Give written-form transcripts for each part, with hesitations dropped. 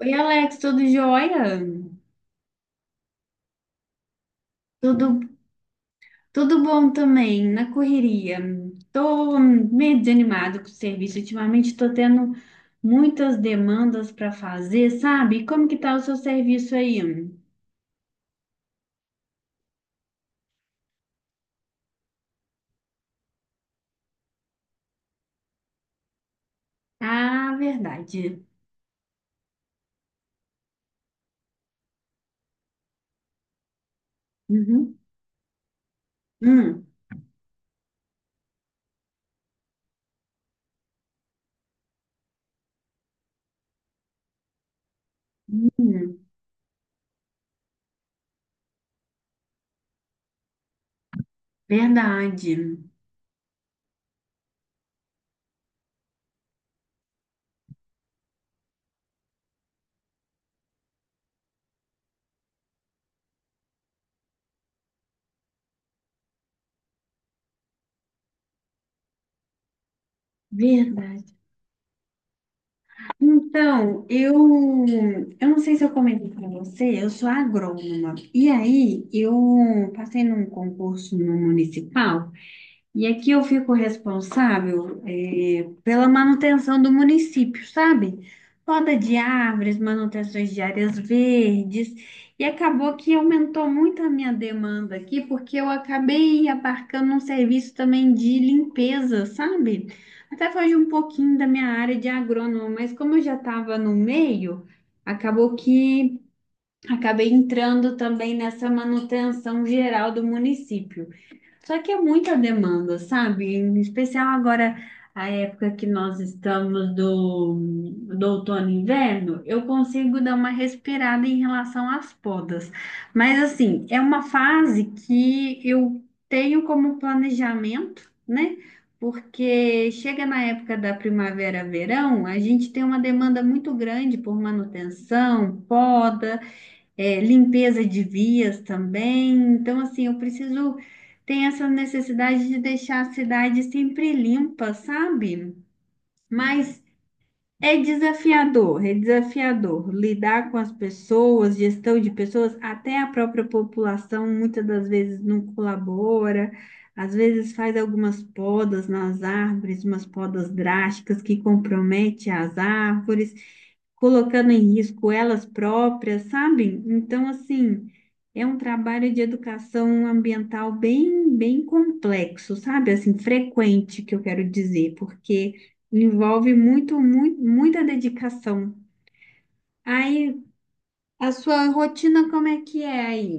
Oi, Alex, tudo jóia? Tudo, tudo bom também, na correria. Tô meio desanimado com o serviço. Ultimamente tô tendo muitas demandas para fazer, sabe? Como que tá o seu serviço aí? Ah, verdade. Uhum. Hum. Hum. Verdade. Verdade. Então, eu não sei se eu comentei para você, eu sou agrônoma. E aí, eu passei num concurso no municipal. E aqui eu fico responsável, pela manutenção do município, sabe? Poda de árvores, manutenções de áreas verdes. E acabou que aumentou muito a minha demanda aqui, porque eu acabei abarcando um serviço também de limpeza, sabe? Até foge um pouquinho da minha área de agrônomo, mas como eu já estava no meio, acabou que acabei entrando também nessa manutenção geral do município. Só que é muita demanda, sabe? Em especial agora, a época que nós estamos do outono e inverno, eu consigo dar uma respirada em relação às podas. Mas, assim, é uma fase que eu tenho como planejamento, né? Porque chega na época da primavera, verão, a gente tem uma demanda muito grande por manutenção, poda, limpeza de vias também. Então, assim, eu preciso, tem essa necessidade de deixar a cidade sempre limpa, sabe? Mas é desafiador lidar com as pessoas, gestão de pessoas, até a própria população muitas das vezes não colabora. Às vezes faz algumas podas nas árvores, umas podas drásticas que comprometem as árvores colocando em risco elas próprias, sabe? Então, assim, é um trabalho de educação ambiental bem, bem complexo, sabe? Assim, frequente, que eu quero dizer, porque envolve muito, muito, muita dedicação. Aí, a sua rotina, como é que é aí?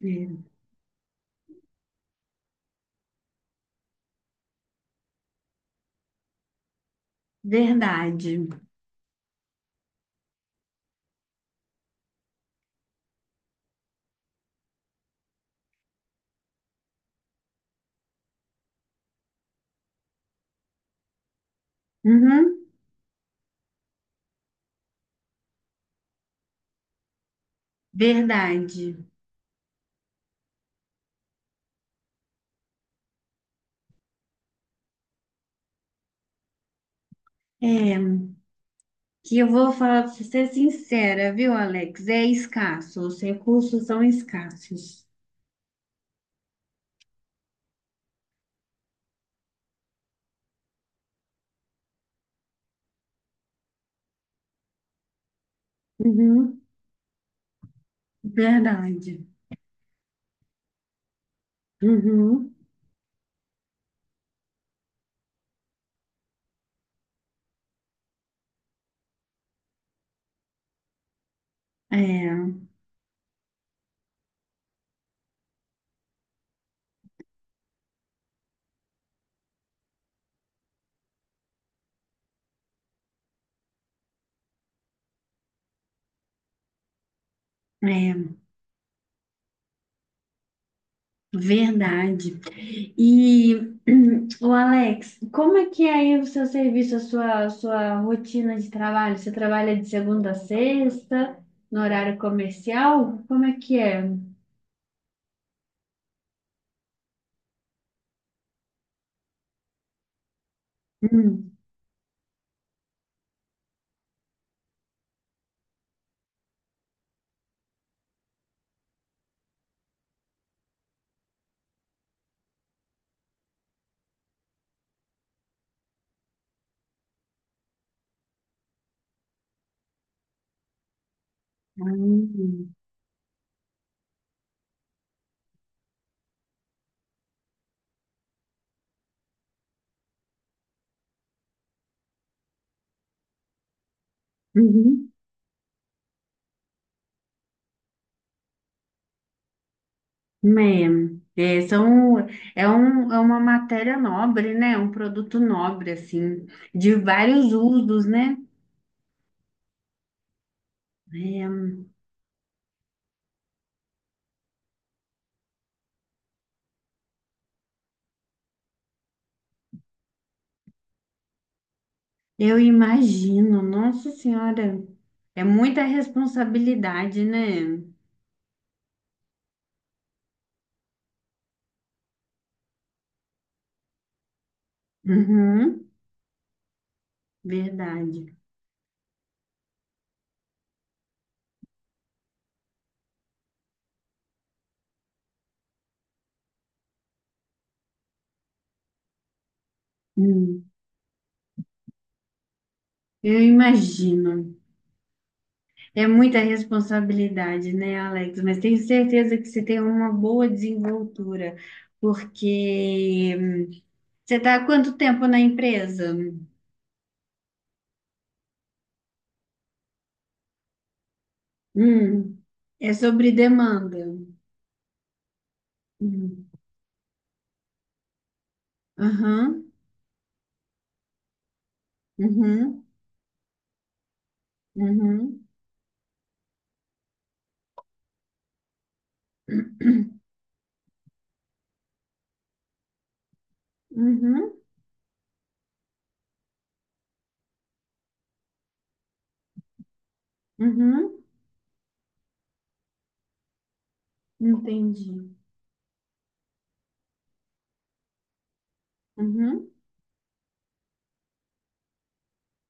É, verdade. Uhum, verdade. É, que eu vou falar para ser sincera, viu, Alex? É escasso, os recursos são escassos. Uhum. Verdade. Uhum. É, é, verdade. E o Alex, como é que é aí o seu serviço, a sua rotina de trabalho? Você trabalha de segunda a sexta, no horário comercial? Como é que é? Hum. Hum. Uhum. É, é, são, é uma matéria nobre, né? Um produto nobre, assim, de vários usos, né? Eu imagino, nossa senhora, é muita responsabilidade, né? Uhum, verdade. Hum, eu imagino. É muita responsabilidade, né, Alex? Mas tenho certeza que você tem uma boa desenvoltura, porque você está há quanto tempo na empresa? Hum, É sobre demanda. Hum, Aham, uhum, uhum, uhum, uhum, entendi. Uhum.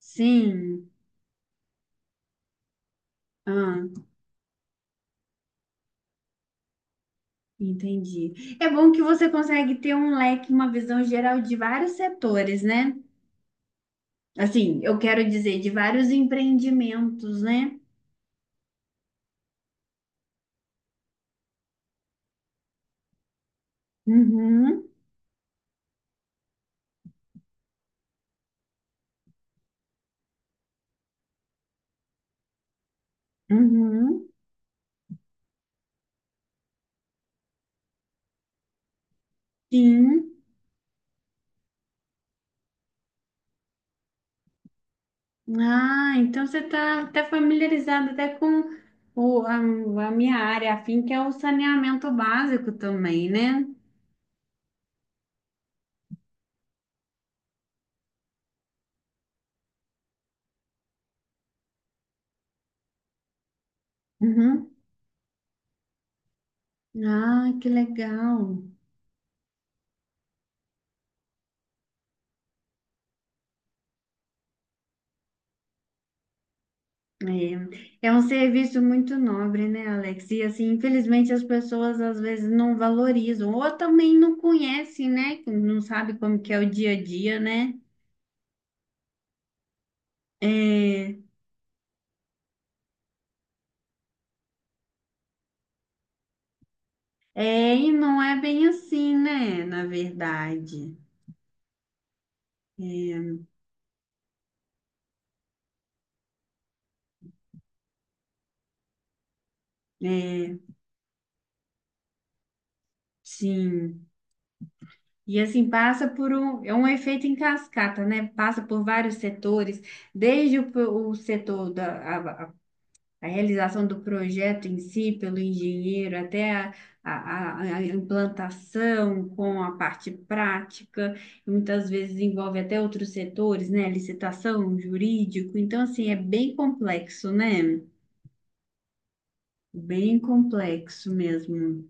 Sim, ah, entendi. É bom que você consegue ter um leque, uma visão geral de vários setores, né? Assim, eu quero dizer, de vários empreendimentos, né? Uhum, uhum, sim. Ah, então você está até familiarizado até com o, a, a minha área, afim, que é o saneamento básico também, né? Uhum. Ah, que legal. É um serviço muito nobre, né, Alex? E assim, infelizmente as pessoas às vezes não valorizam, ou também não conhecem, né? Não sabe como que é o dia a dia, né? É, e não é bem assim, né? Na verdade. É, é, sim. E assim, é um efeito em cascata, né? Passa por vários setores, desde o setor da a realização do projeto em si, pelo engenheiro, até a implantação com a parte prática, e muitas vezes envolve até outros setores, né? Licitação, jurídico. Então, assim, é bem complexo, né? Bem complexo mesmo.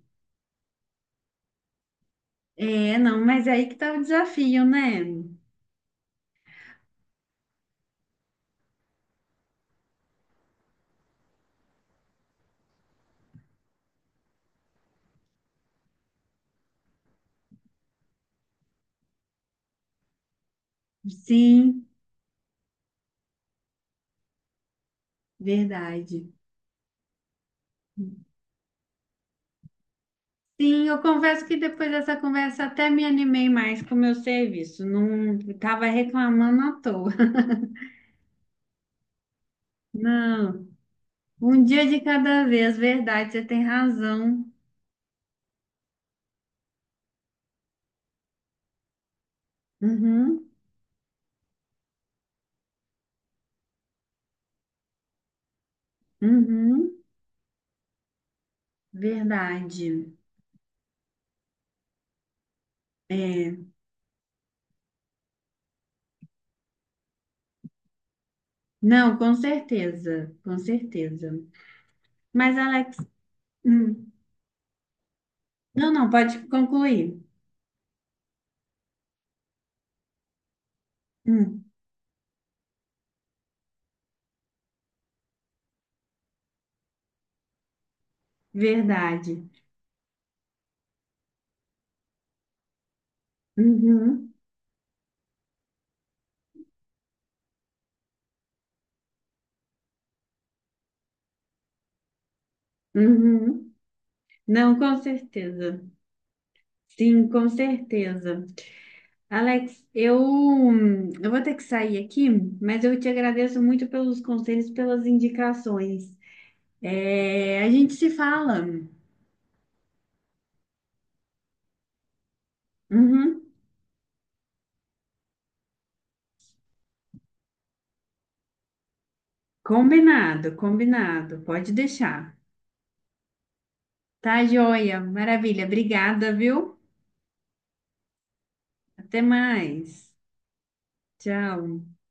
É, não, mas é aí que tá o desafio, né? Sim, verdade. Sim, eu confesso que depois dessa conversa até me animei mais com o meu serviço. Não estava reclamando à toa. Não. Um dia de cada vez, verdade, você tem razão. Uhum, uhum, verdade. É, não, com certeza, com certeza. Mas, Alex, hum, não, não, pode concluir. Hum, Verdade. Uhum, uhum. Não, com certeza. Sim, com certeza. Alex, eu vou ter que sair aqui, mas eu te agradeço muito pelos conselhos, pelas indicações. É, a gente se fala. Uhum. Combinado, combinado. Pode deixar. Tá, joia. Maravilha. Obrigada, viu? Até mais. Tchau.